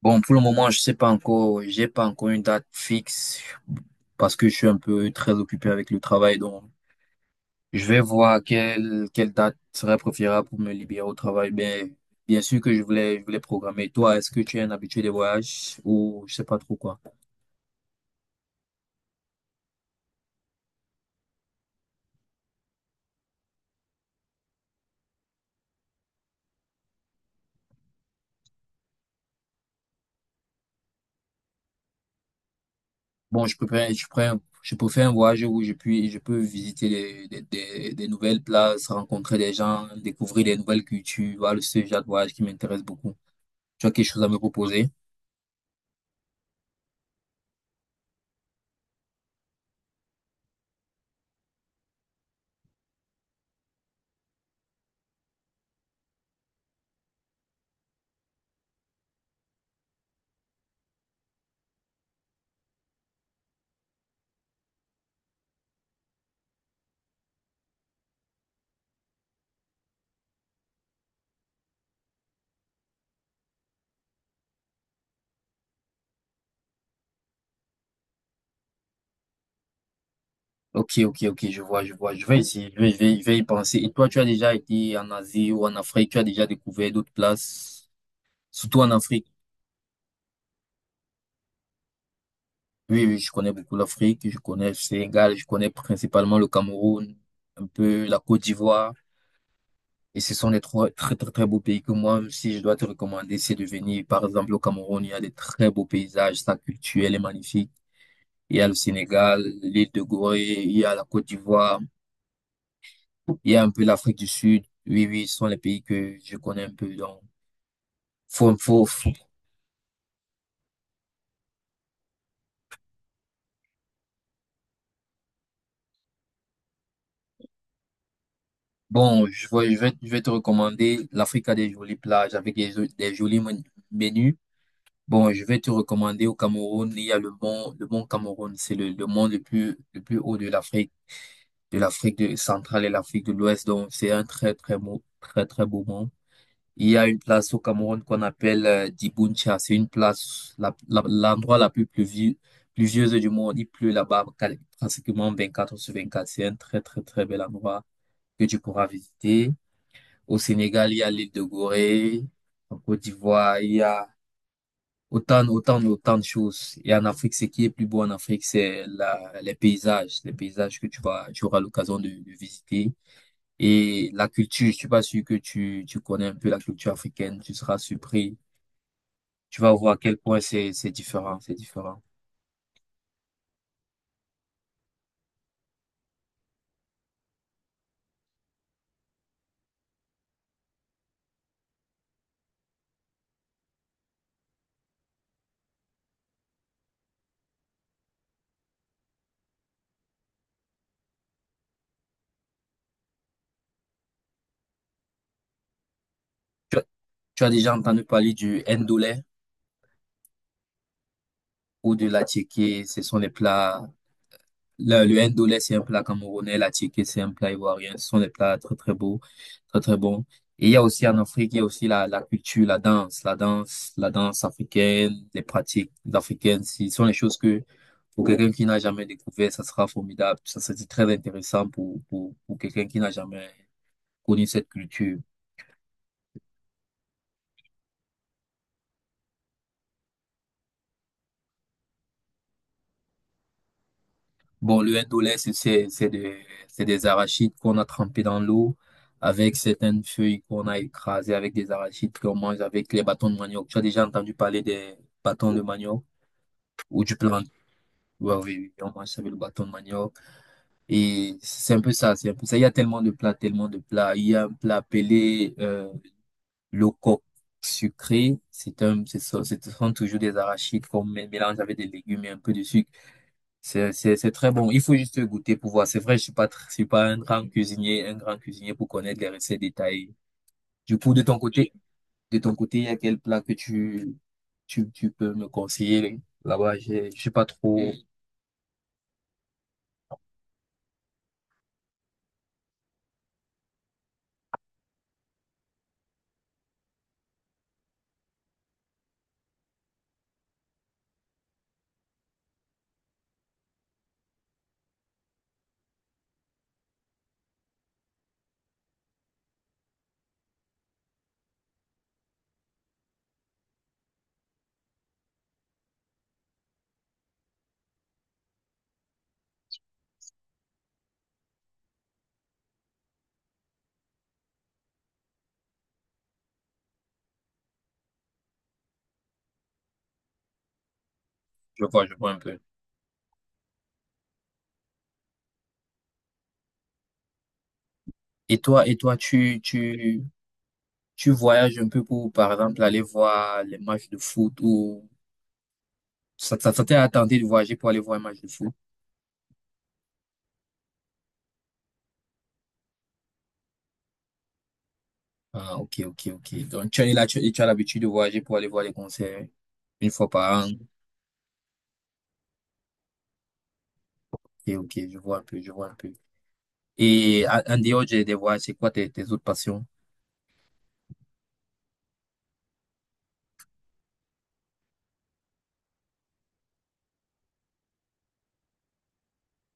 Bon, pour le moment, je sais pas encore, j'ai pas encore une date fixe parce que je suis un peu très occupé avec le travail. Donc, je vais voir quelle date serait préférable pour me libérer au travail. Mais bien sûr que je voulais programmer. Toi, est-ce que tu es un habitué des voyages ou je sais pas trop quoi? Bon, je prends, je peux faire un voyage où je peux visiter des nouvelles places, rencontrer des gens, découvrir des nouvelles cultures. Voilà, ce genre de voyage qui m'intéresse beaucoup. Tu as quelque chose à me proposer? Ok, ok, ok, je vois, je vois. Je vais essayer, je vais y penser. Et toi, tu as déjà été en Asie ou en Afrique, tu as déjà découvert d'autres places, surtout en Afrique. Oui, oui, je connais beaucoup l'Afrique, je connais le Sénégal, je connais principalement le Cameroun, un peu la Côte d'Ivoire. Et ce sont les trois très, très, très beaux pays que moi, si je dois te recommander, c'est de venir. Par exemple, au Cameroun, il y a des très beaux paysages, sa culture, elle est magnifique. Il y a le Sénégal, l'île de Gorée, il y a la Côte d'Ivoire. Il y a un peu l'Afrique du Sud. Oui, oui, ce sont les pays que je connais un peu. Donc, faut, faut, faut- Bon, je vais te recommander. L'Afrique a des jolies plages avec des jolis menus. Bon, je vais te recommander au Cameroun. Il y a le mont Cameroun. C'est le mont le plus haut de l'Afrique, de centrale et l'Afrique de l'Ouest. Donc, c'est un très, très beau mont. Il y a une place au Cameroun qu'on appelle Dibountcha. C'est une place, l'endroit plus pluvieuse du monde. Il pleut là-bas pratiquement 4 sur 24. C'est un très, très, très bel endroit que tu pourras visiter. Au Sénégal, il y a l'île de Gorée. En Côte d'Ivoire, il y a autant de choses. Et en Afrique, ce qui est plus beau en Afrique, c'est les paysages que tu auras l'occasion de visiter. Et la culture, je suis pas sûr que tu connais un peu la culture africaine. Tu seras surpris, tu vas voir à quel point c'est différent, c'est différent. Tu, as Tu as déjà entendu parler du ndolé ou de la, ce sont les plats. Le ndolé, c'est un plat camerounais, la, c'est un plat ivoirien. Ce sont des plats très très beaux, très très bons. Et il y a aussi en Afrique, il y a aussi la culture, la danse africaine, les pratiques africaines. Ce sont les choses que, pour quelqu'un qui n'a jamais découvert, ça sera formidable. Ça sera très intéressant pour quelqu'un qui n'a jamais connu cette culture. Bon, le indolé, c'est c'est des arachides qu'on a trempés dans l'eau avec certaines feuilles qu'on a écrasées avec des arachides qu'on mange avec les bâtons de manioc. Tu as déjà entendu parler des bâtons de manioc ou du plant? Ouais, oui, on mange ça avec le bâton de manioc. Et c'est un peu ça, c'est un peu ça. Il y a tellement de plats, tellement de plats. Il y a un plat appelé le coq sucré. C'est un, c'est ça, Ce sont toujours des arachides qu'on mélange avec des légumes et un peu de sucre. C'est très bon. Il faut juste goûter pour voir. C'est vrai, je suis pas un grand cuisinier, un grand cuisinier pour connaître les recettes détaillées. Du coup, de ton côté, il y a quel plat que tu peux me conseiller là-bas? Je suis pas trop, je vois un peu. Et toi, tu voyages un peu pour, par exemple, aller voir les matchs de foot ou ça t'est attendu de voyager pour aller voir un match de foot? Ah, ok, ok, ok. Donc, tu es là, et tu as l'habitude de voyager pour aller voir les concerts une fois par an. Ok, ok, je vois un peu, je vois un peu. Et en en dehors des voix, c'est quoi tes autres passions?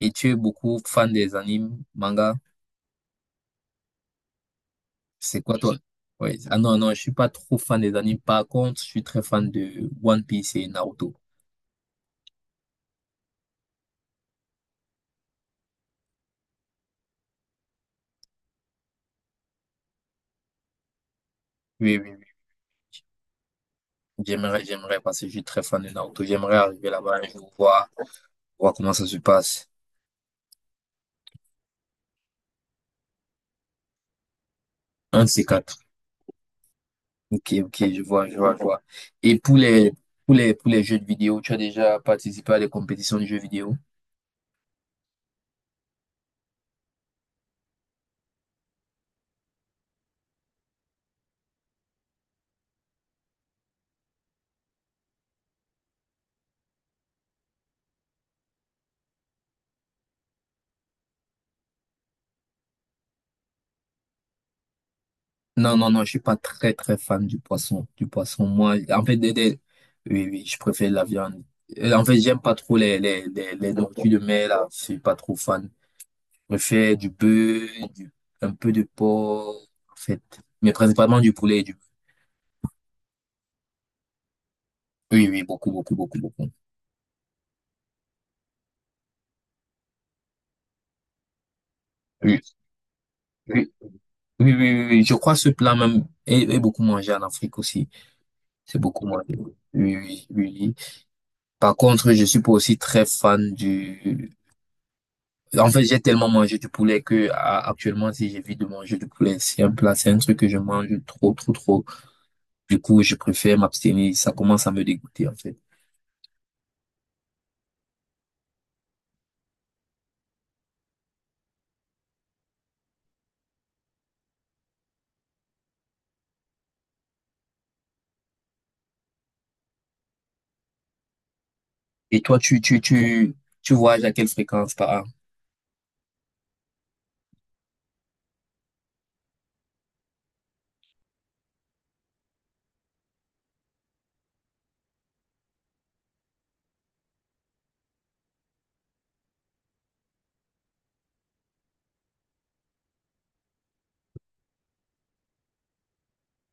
Et tu es beaucoup fan des animes, manga? C'est quoi toi? Ouais. Ah non, non, je suis pas trop fan des animes. Par contre, je suis très fan de One Piece et Naruto. Oui, oui, oui. J'aimerais, j'aimerais, parce que je suis très fan de Naruto. J'aimerais arriver là-bas un jour, voir, voir comment ça se passe. Un de ces quatre. Ok, ok, je vois, je vois, je vois. Et pour les, jeux de vidéo, tu as déjà participé à des compétitions de jeux vidéo? Non, non, non, je suis pas très, très fan du poisson. Du poisson, moi, en fait, oui, oui, je préfère la viande. En fait, j'aime pas trop les nourritures de mer, là. Je suis pas trop fan. Je préfère du bœuf, du, un peu de porc, en fait. Mais principalement du poulet et du. Oui, oui, beaucoup, beaucoup, beaucoup, beaucoup. Oui, oui, oui, oui, oui, oui. Je crois que ce plat même est beaucoup mangé en Afrique aussi. C'est beaucoup mangé. Oui, oui, oui. Par contre, je suis pas aussi très fan du. En fait, j'ai tellement mangé du poulet que actuellement, si j'évite de manger du poulet, c'est un plat, c'est un truc que je mange trop, trop, trop. Du coup, je préfère m'abstenir. Ça commence à me dégoûter, en fait. Et toi, tu voyages à quelle fréquence par an?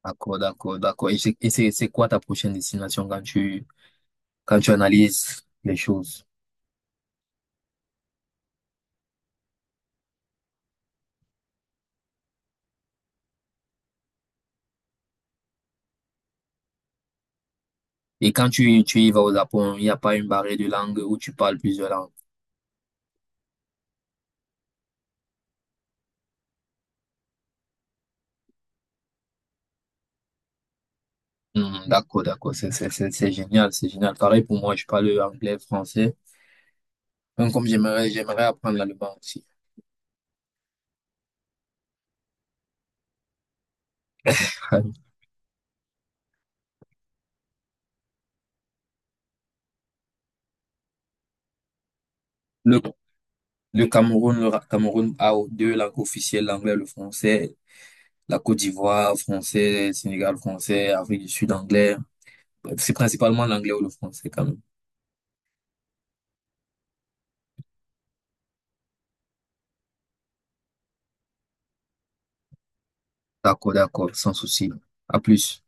D'accord, d'accord, d'accord. Et c'est quoi ta prochaine destination quand quand tu analyses les choses? Et quand tu y vas au Japon, il n'y a pas une barrière de langue où tu parles plusieurs langues. Hmm, d'accord, d'accord, c'est génial, c'est génial. Pareil pour moi, je parle anglais, français. Donc, comme j'aimerais, j'aimerais apprendre l'allemand aussi. Le, le Cameroun, Cameroun a 2 langues officielles, l'anglais, le français. La Côte d'Ivoire, français, Sénégal, français, Afrique du Sud, anglais. C'est principalement l'anglais ou le français quand même. D'accord, d'accord, sans souci. À plus.